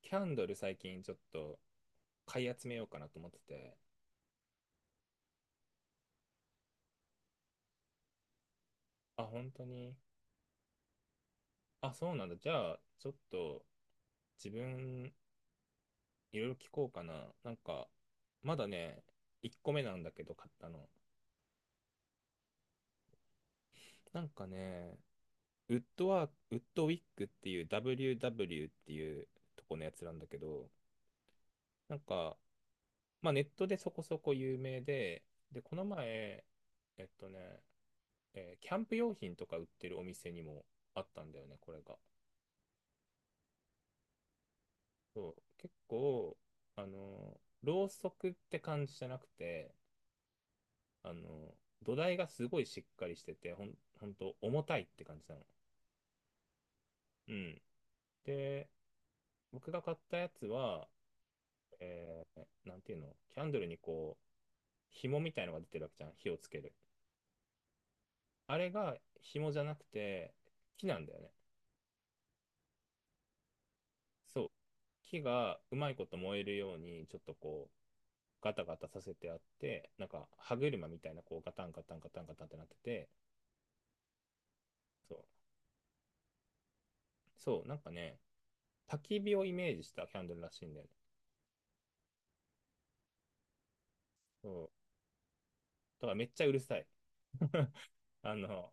キャンドル最近ちょっと買い集めようかなと思ってて、あ、本当に、あ、そうなんだ。じゃあ、ちょっと自分いろいろ聞こうかな。なんか、まだね、1個目なんだけど買ったの。なんかね、ウッドワーク、ウッドウィックっていう WW っていうとこのやつなんだけど、なんか、まあネットでそこそこ有名で、で、この前、えっとね、えーキャンプ用品とか売ってるお店にもあったんだよね、これが。そう、結構あのろうそくって感じじゃなくて、あの土台がすごいしっかりしてて、ほんと重たいって感じなの。うん。で、僕が買ったやつは、なんていうの、キャンドルにこう紐みたいのが出てるわけじゃん、火をつける。あれが紐じゃなくて木なんだよね。そう、木がうまいこと燃えるようにちょっとこうガタガタさせてあって、なんか歯車みたいなこうガタンガタンガタンガタンってなってて、そう。そう、なんかね、焚き火をイメージしたキャンドルらしいんだよね。そう。だからめっちゃうるさい。あの、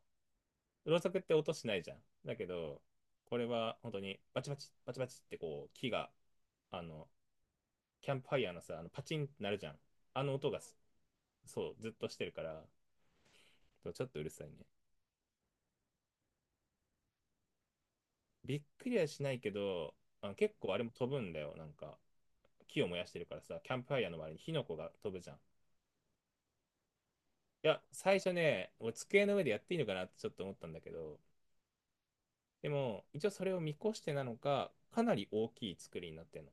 ろうそくって音しないじゃん。だけど、これは本当にバチバチ、バチバチってこう、木が、あの、キャンプファイヤーのさ、あのパチンってなるじゃん。あの音がす、そう、ずっとしてるから、そうちょっとうるさいね。びっくりはしないけど、あ、結構あれも飛ぶんだよ、なんか。木を燃やしてるからさ、キャンプファイヤーの周りに火の粉が飛ぶじゃん。いや、最初ね、俺机の上でやっていいのかなってちょっと思ったんだけど、でも、一応それを見越してなのか、かなり大きい作りになってるの。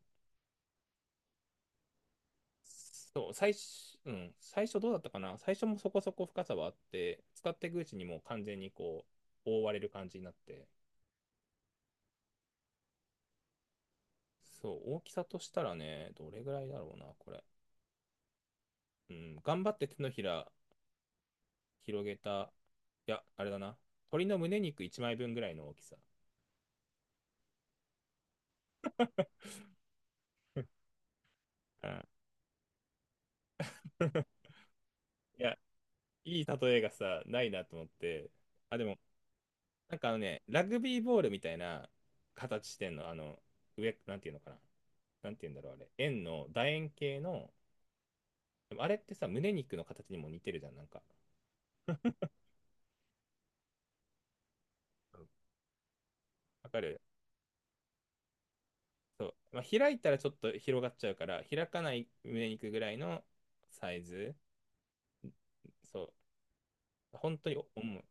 そう、最初、うん、最初どうだったかな、最初もそこそこ深さはあって、使っていくうちにもう完全にこう、覆われる感じになって、そう、大きさとしたらね、どれぐらいだろうな、これ。うん、頑張って手のひら広げた、いや、あれだな、鳥の胸肉1枚分ぐらいの大きさ。うん。いや、いい例えがさ、ないなと思って、あ、でも、なんかあのね、ラグビーボールみたいな形してんの、あの、上、なんていうのかな。なんていうんだろう、あれ。円の、楕円形の、でもあれってさ、胸肉の形にも似てるじゃん、なんか。うん、わかる、そう。まあ、開いたらちょっと広がっちゃうから、開かない胸肉ぐらいのサイズ。そう。本当に重い。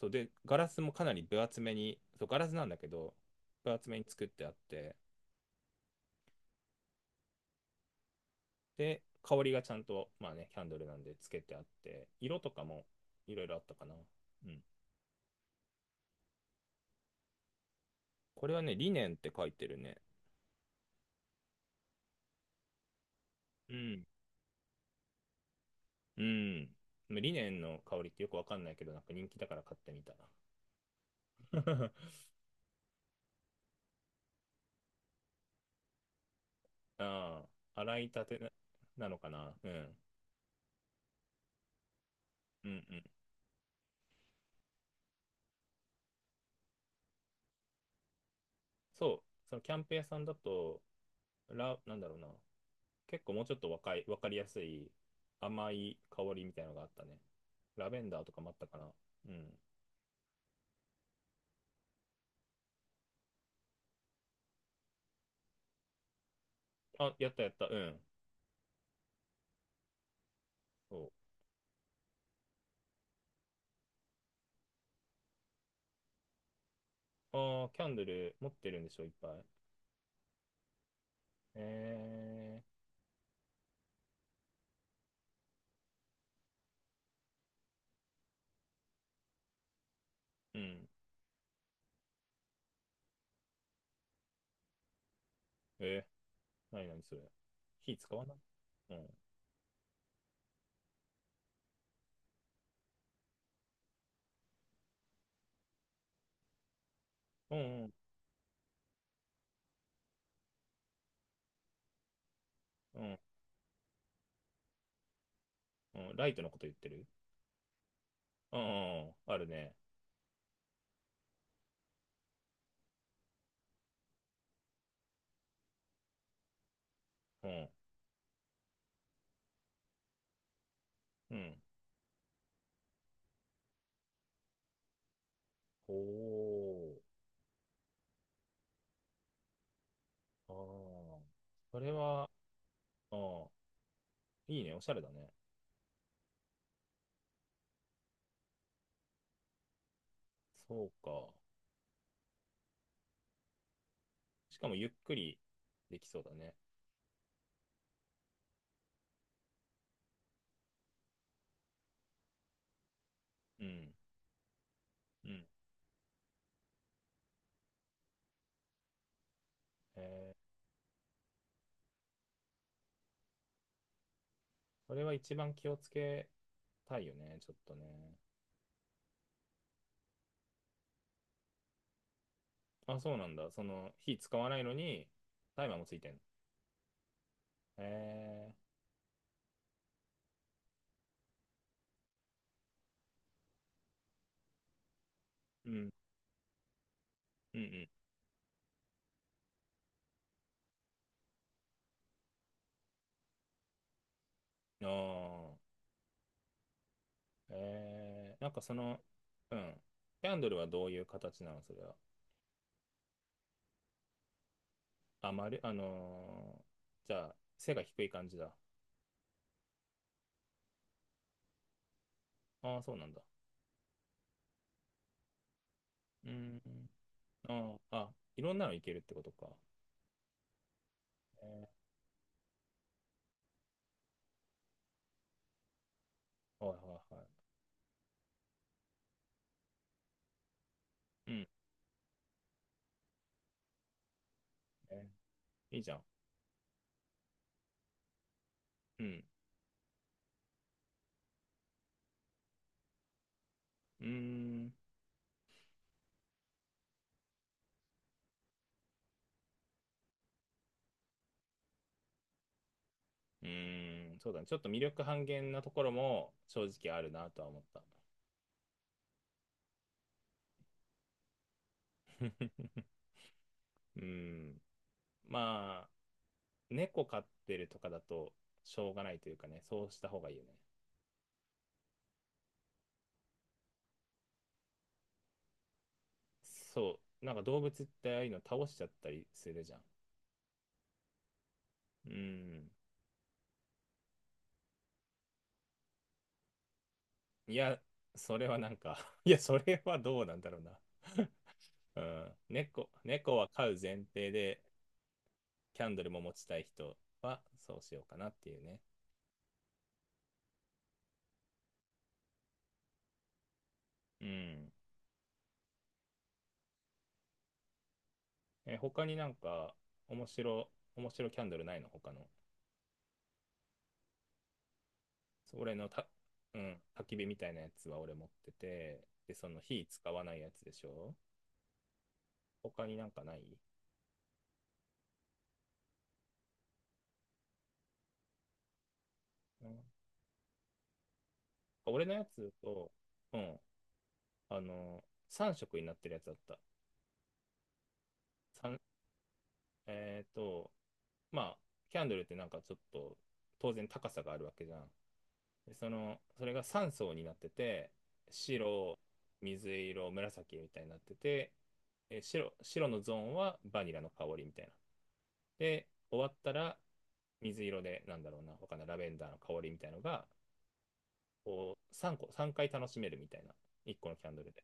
そう。で、ガラスもかなり分厚めに、そう、ガラスなんだけど、分厚めに作ってあって、で、香りがちゃんと、まあね、キャンドルなんでつけてあって、色とかもいろいろあったかな。うん。これはね、リネンって書いてるね。うん。うん。リネンの香りってよくわかんないけど、なんか人気だから買ってみた。ああ、洗いたてな、なのかな。うん。うんうん。そう、そのキャンプ屋さんだと、なんだろうな、結構もうちょっと若い、わかりやすい甘い香りみたいなのがあったね。ラベンダーとかもあったかな。うん。あ、やったやった。うん。そう、ああ、キャンドル持ってるんでしょ、いっぱい。えー、うん。えー、なになにそれ。火使わない、うん。うん、うん、うん、うんうん。ライトのこと言ってる、うん、うんうん、あるね。うん、うん。おー、ああ。それは、ああ、いいね、おしゃれだね。そうか。しかもゆっくりできそうだね。うん、うん。えー、それは一番気をつけたいよね、ちょっとね。あ、そうなんだ。その、火使わないのに、タイマーもついてんの。えー、うん、うん、うん。ああ、えー、なんかその、うん。キャンドルはどういう形なの、それは。あ、まる、あのーじゃあ、背が低い感じだ。ああ、そうなんだ。うん。ああ、あ、いろんなのいけるってことか。えー、はいはいはい。うん。えー、いいじゃん。うん。うーん。うーん。そうだね。ちょっと魅力半減なところも正直あるなとは思った。うん、まあ猫飼ってるとかだとしょうがないというかね、そうした方がいいよね。そう、なんか動物ってああいうの倒しちゃったりするじゃん。うん、いやそれはなんか いやそれはどうなんだろうな。 うん、猫は飼う前提でキャンドルも持ちたい人はそうしようかなっていうね。うん。え、他になんか面白面白キャンドルないの、他の。そう俺のた、うん、焚き火みたいなやつは俺持ってて、で、その火使わないやつでしょ。他になんかない。うん、俺のやつと、うん、あの、3色になってるやつだった。三えっ、ー、と、まあ、キャンドルってなんかちょっと、当然高さがあるわけじゃん。で、その、それが3層になってて、白、水色、紫みたいになってて、白、白のゾーンはバニラの香りみたいな。で、終わったら、水色で、なんだろうな、他のラベンダーの香りみたいのが、こう、3個、3回楽しめるみたいな、1個のキャンドルで。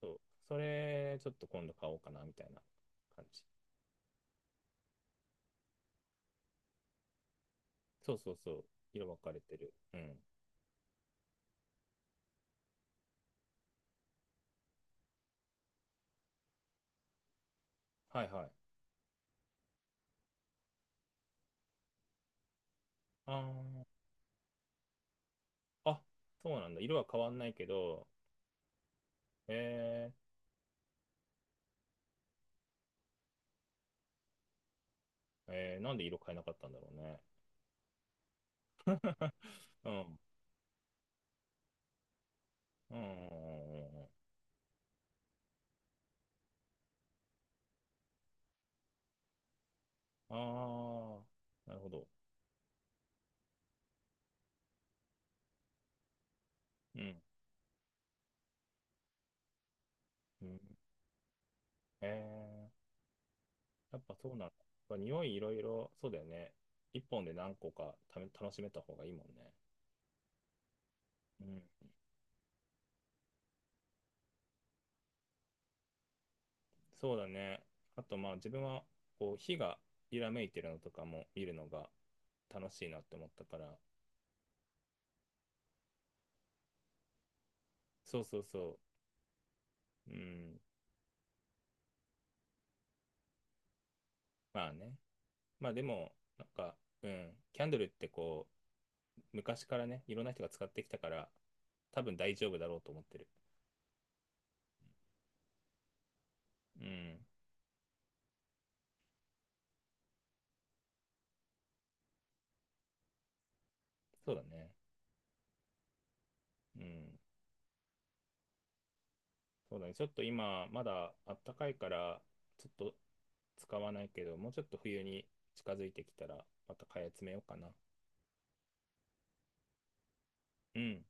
そう。それ、ちょっと今度買おうかな、みたいな感じ。そうそうそう。色分かれてる。うん。はいはい。あー、あ、そうなんだ。色は変わんないけど、えー、えー、なんで色変えなかったんだろうね。うん。うん。うんうんうんうん、ああー、なるほど。うん。うん。えー、やっぱそうなんだ。やっぱ匂いいろいろ、そうだよね。一本で何個か楽しめた方がいいもんね。うん。そうだね。あとまあ自分はこう火が揺らめいてるのとかも見るのが楽しいなって思ったから。そうそうそう。うん。まあね。まあでも、なんか、うん。キャンドルってこう、昔からね、いろんな人が使ってきたから、多分大丈夫だろうと思ってる。うん。そうだね。うん。そうだね。ちょっと今、まだあったかいから、ちょっと使わないけど、もうちょっと冬に近づいてきたら、また買い集めようかな。うん。